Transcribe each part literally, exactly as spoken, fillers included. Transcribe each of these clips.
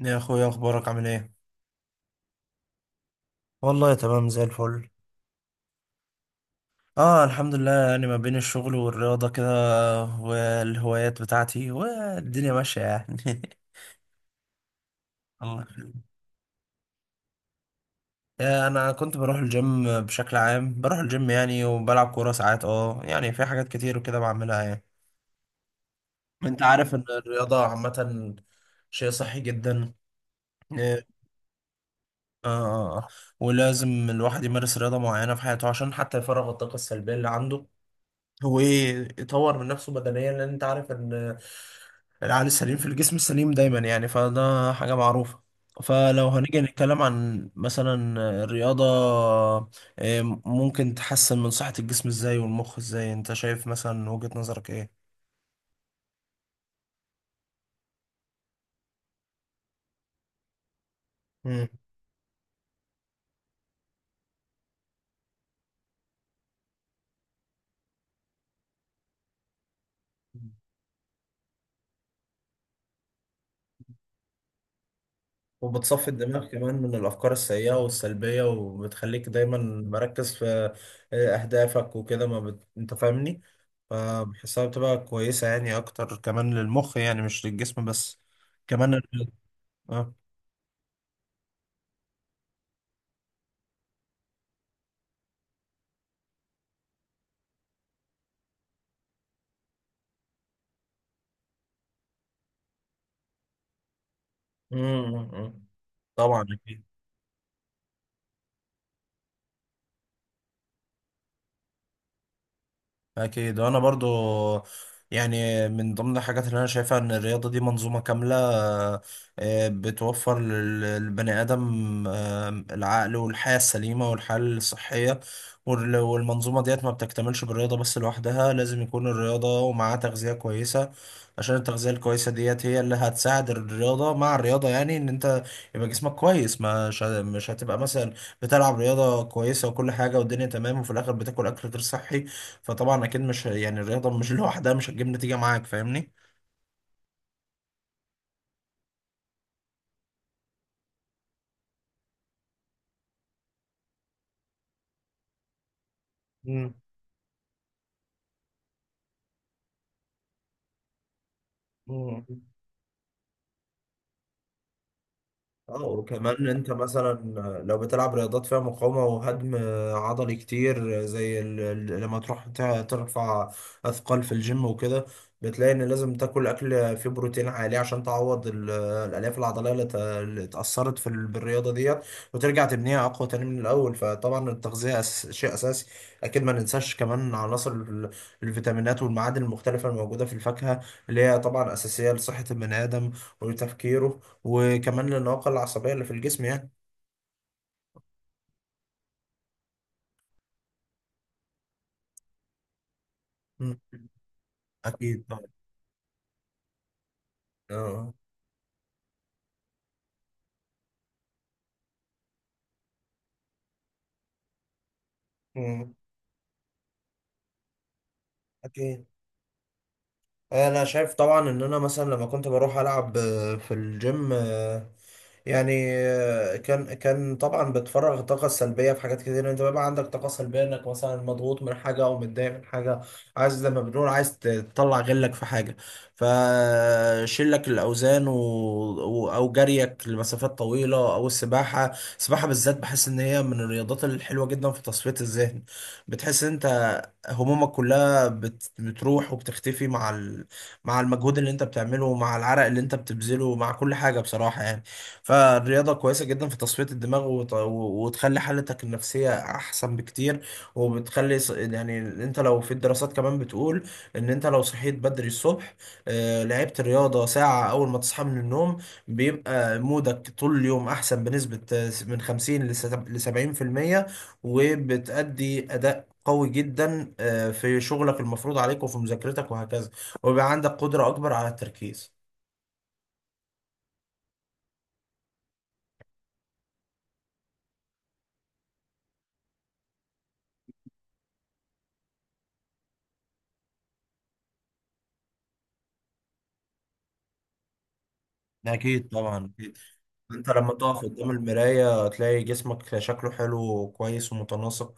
يا اخويا، اخبارك عامل ايه؟ والله تمام زي الفل. اه الحمد لله. يعني ما بين الشغل والرياضة كده والهوايات بتاعتي، والدنيا ماشية يعني الله يخليك. آه، انا كنت بروح الجيم بشكل عام، بروح الجيم يعني، وبلعب كورة ساعات، اه يعني في حاجات كتير وكده بعملها يعني. انت عارف ان الرياضة عامة شيء صحي جدا. اه اه آه. آه. ولازم الواحد يمارس رياضة معينة في حياته، عشان حتى يفرغ الطاقة السلبية اللي عنده، هو ايه، يطور من نفسه بدنيا، لان انت عارف ان العقل السليم في الجسم السليم دايما، يعني فده حاجة معروفة. فلو هنيجي نتكلم عن مثلا الرياضة، إيه، ممكن تحسن من صحة الجسم ازاي والمخ ازاي؟ انت شايف مثلا، وجهة نظرك ايه؟ مم. وبتصفي الدماغ كمان من الأفكار السيئة والسلبية، وبتخليك دايما مركز في أهدافك وكده، ما بت... أنت فاهمني. فبحسها بتبقى كويسة يعني، أكتر كمان للمخ يعني، مش للجسم بس كمان ال- آه. مم، مم، مم. طبعا أكيد. اكيد. وانا برضو يعني من ضمن الحاجات اللي انا شايفها ان الرياضه دي منظومه كامله. آه، بتوفر لل- للبني ادم آه، العقل والحياه السليمه والحياه الصحيه. وال- والمنظومه ديت ما بتكتملش بالرياضه بس لوحدها، لازم يكون الرياضه ومعاها تغذيه كويسه، عشان التغذيه الكويسه ديت هي اللي هتساعد الرياضه. مع الرياضه يعني ان انت يبقى جسمك كويس، مش مش هتبقى مثلا بتلعب رياضه كويسه وكل حاجه والدنيا تمام، وفي الاخر بتاكل اكل غير صحي. فطبعا اكيد مش، يعني الرياضه مش لوحدها مش هتجيب نتيجه معاك، فاهمني. مم. مم. اه وكمان انت مثلا لو بتلعب رياضات فيها مقاومة وهدم عضلي كتير، زي ال- ال- لما تروح ت- ترفع اثقال في الجيم وكده، بتلاقي ان لازم تاكل اكل فيه بروتين عالي، عشان تعوض ال- الالياف العضليه اللي ت- اللي اتاثرت في ال- بالرياضه ديت، وترجع تبنيها اقوى تاني من الاول. فطبعا التغذيه أس... شيء اساسي. اكيد ما ننساش كمان عناصر ال- الفيتامينات والمعادن المختلفه الموجوده في الفاكهه، اللي هي طبعا اساسيه لصحه البني ادم وتفكيره، وكمان لللياقة العصبية اللي في الجسم يعني. مم. أكيد طبعا. آه. مم. أكيد. انا شايف طبعا ان انا مثلا لما كنت بروح العب آه، في الجيم، آه، يعني آه، كان كان طبعا بتفرغ الطاقه السلبيه في حاجات كتير. انت بيبقى عندك طاقه سلبيه، انك مثلا مضغوط من حاجه او متضايق من حاجه، عايز زي ما بنقول، عايز ت- تطلع غلك في حاجه، فشيلك الاوزان و... و- او جريك لمسافات طويله او السباحه. السباحه بالذات بحس ان هي من الرياضات الحلوه جدا في تصفيه الذهن. بتحس ان انت همومك كلها بت... بتروح وبتختفي مع ال... مع المجهود اللي انت بتعمله، مع العرق اللي انت بتبذله، مع كل حاجة بصراحة يعني. فالرياضة كويسة جدا في تصفية الدماغ وت... و- وتخلي حالتك النفسية احسن بكتير. وبتخلي ص- يعني انت لو في الدراسات كمان بتقول ان انت لو صحيت بدري الصبح، آه، لعبت رياضة ساعة اول ما تصحى من النوم، بيبقى مودك طول اليوم احسن بنسبة آه، من خمسين ل سبعين في المية. وبتأدي اداء قوي جدا، آه، في شغلك المفروض عليك وفي مذاكرتك، وهكذا. ويبقى عندك قدرة أكبر على التركيز. أكيد طبعا، أكيد. أنت لما تقف قدام المراية تلاقي جسمك شكله حلو وكويس ومتناسق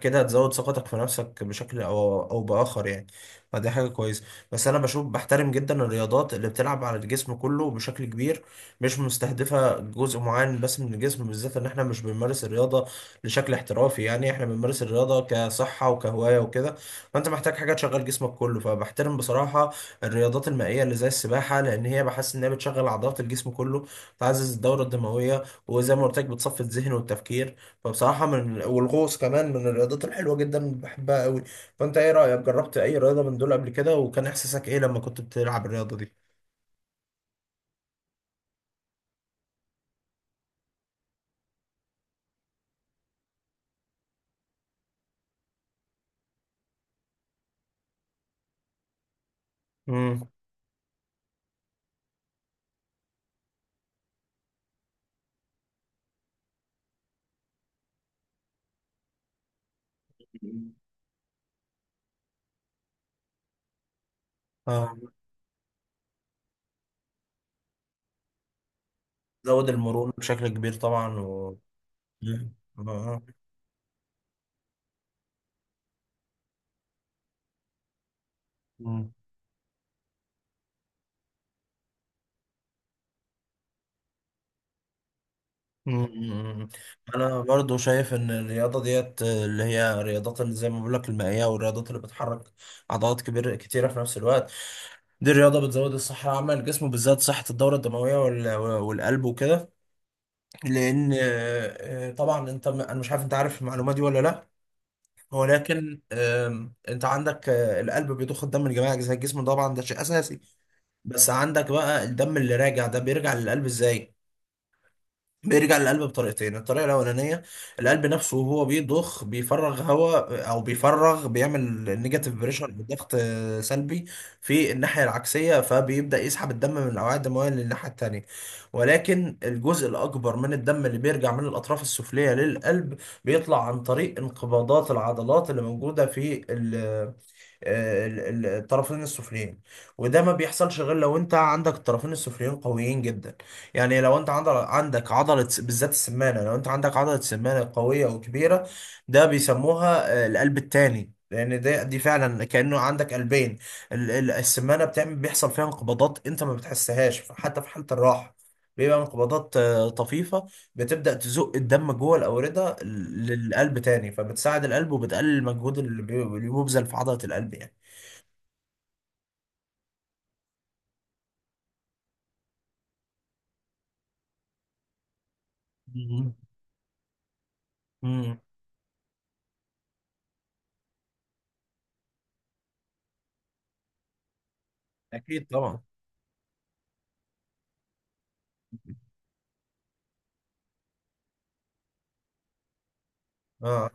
كده، هتزود ثقتك في نفسك بشكل أو أو بآخر يعني. فدي حاجة كويسة. بس أنا بشوف، بحترم جدا الرياضات اللي بتلعب على الجسم كله بشكل كبير، مش مستهدفة جزء معين بس من الجسم، بالذات إن إحنا مش بنمارس الرياضة لشكل احترافي، يعني إحنا بنمارس الرياضة كصحة وكهواية وكده. فأنت محتاج حاجة تشغل جسمك كله. فبحترم بصراحة الرياضات المائية اللي زي السباحة، لأن هي بحس إنها بتشغل عضلات الجسم كله، بتعزز الدورة الدموية، وزي ما قلت لك بتصفي الذهن والتفكير. فبصراحة من، والغوص كمان من الرياضات الحلوة جدا، بحبها قوي. فأنت إيه رأيك؟ جربت أي رياضة من دول قبل كده، وكان إحساسك إيه لما كنت بتلعب الرياضة دي؟ امم. اه، زود المرونة بشكل كبير طبعا، و... مم. آه. مم. انا برضو شايف ان الرياضه ديت، اللي هي الرياضات اللي زي ما بقول لك المائيه والرياضات اللي بتحرك عضلات كبيره كتيره في نفس الوقت، دي الرياضه بتزود الصحه العامه للجسم، بالذات صحه الدوره الدمويه وال- والقلب وكده، لان آه، آه، طبعا انت، انا مش عارف انت عارف المعلومه دي ولا لا، ولكن آم، انت عندك آه، القلب بيضخ الدم لجميع اجزاء الجسم، طبعا ده شيء اساسي. بس عندك بقى الدم اللي راجع ده بيرجع للقلب ازاي؟ بيرجع للقلب بطريقتين. الطريقة الأولانية، القلب نفسه وهو بيضخ بيفرغ هواء، أو بيفرغ بيعمل نيجاتيف بريشر، ضغط آه، سلبي في الناحية العكسية، فبيبدأ يسحب الدم من الأوعية الدموية للناحية التانية. ولكن الجزء الأكبر من الدم اللي بيرجع من الأطراف السفلية للقلب بيطلع عن طريق انقباضات العضلات اللي موجودة في ال- ال- الطرفين السفليين. وده ما بيحصلش غير لو انت عندك الطرفين السفليين قويين جدا، يعني لو انت عندك عندك عضلة س- بالذات السمانة، لو انت عندك عضلة سمانة قوية وكبيرة، ده بيسموها آه، القلب التاني، لان ده دي فعلا كانه عندك قلبين. ال- ال- السمانه بتعمل، بيحصل فيها انقباضات انت ما بتحسهاش حتى في حاله الراحه، بيبقى انقباضات آه، طفيفه، بتبدأ تزق الدم جوه الأوردة للقلب تاني، فبتساعد القلب وبتقلل المجهود اللي بي- اللي بيبذل في عضلة القلب يعني. مم. امم. أكيد طبعا. اه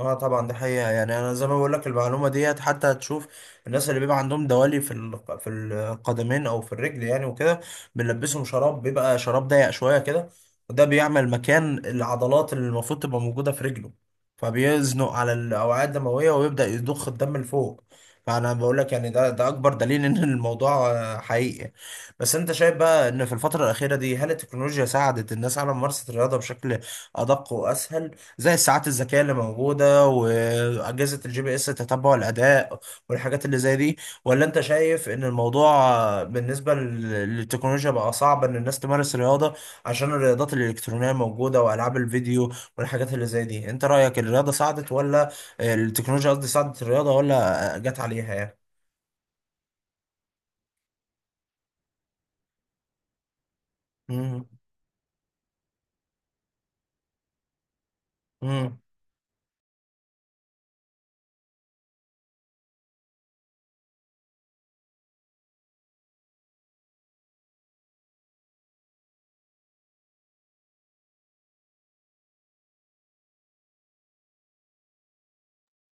اه طبعا دي حقيقة يعني. انا زي ما بقول لك، المعلومة ديت حتى هتشوف الناس اللي بيبقى عندهم دوالي في ال- في القدمين او في الرجل يعني وكده، بنلبسهم شراب، بيبقى شراب ضيق شوية كده، وده بيعمل مكان العضلات اللي المفروض تبقى موجودة في رجله، فبيزنق على الاوعية الدموية ويبدأ يضخ الدم لفوق. فانا بقول لك يعني ده ده اكبر دليل ان الموضوع آه، حقيقي. بس انت شايف بقى ان في الفترة الأخيرة دي، هل التكنولوجيا ساعدت الناس على ممارسة الرياضة بشكل ادق واسهل، زي الساعات الذكية اللي موجودة وأجهزة الجي بي اس تتبع الأداء والحاجات اللي زي دي؟ ولا أنت شايف إن الموضوع آه، بالنسبة لل- للتكنولوجيا بقى صعب إن الناس تمارس رياضة، عشان الرياضات الإلكترونية موجودة وألعاب الفيديو والحاجات اللي زي دي؟ أنت رأيك الرياضة ساعدت، ولا آه، التكنولوجيا قصدي ساعدت الرياضة، ولا آه، جت عليها يعني؟ مم. مم.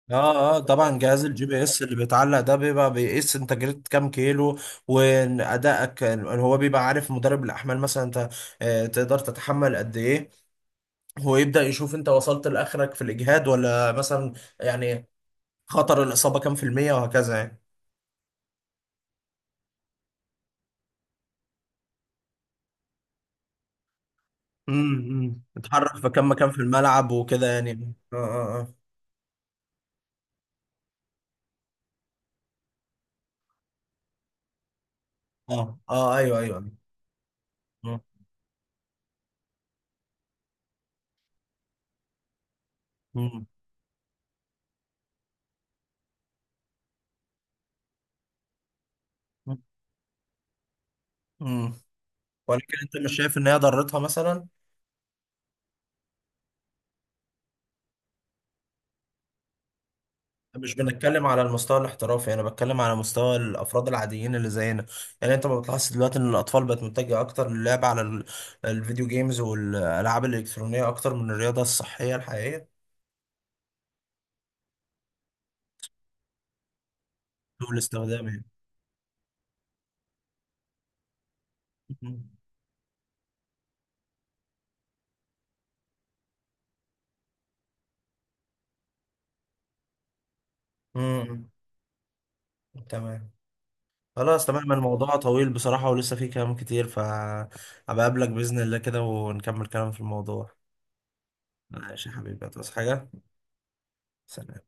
اه اه طبعا، جهاز الجي بي اس اللي بيتعلق ده بيبقى بيقيس انت جريت كام كيلو، وادائك. هو بيبقى عارف، مدرب الاحمال مثلا، انت آه، تقدر تتحمل قد ايه، هو يبدا يشوف انت وصلت لاخرك في الاجهاد ولا مثلا، يعني خطر الاصابه كام في المية، وهكذا يعني. امم، اتحرك في كام مكان في الملعب وكده يعني. اه اه اه اه اه ايوه ايوه. امم. امم. ولكن انت مش شايف ان هي ضرتها مثلا؟ مش بنتكلم على المستوى الاحترافي، انا بتكلم على مستوى الافراد العاديين اللي زينا. يعني انت ما بتلاحظ دلوقتي ان الاطفال بقت متجهه اكتر للعب على ال- الفيديو جيمز والالعاب الالكترونيه اكتر من الرياضه الصحيه الحقيقيه والاستخدام يعني. امم. تمام. خلاص، تمام. الموضوع طويل بصراحه، ولسه فيه كلام كتير، ف هبقى اقابلك باذن الله كده، ونكمل كلام في الموضوع. ماشي يا حبيبي، هتعوز حاجه؟ سلام.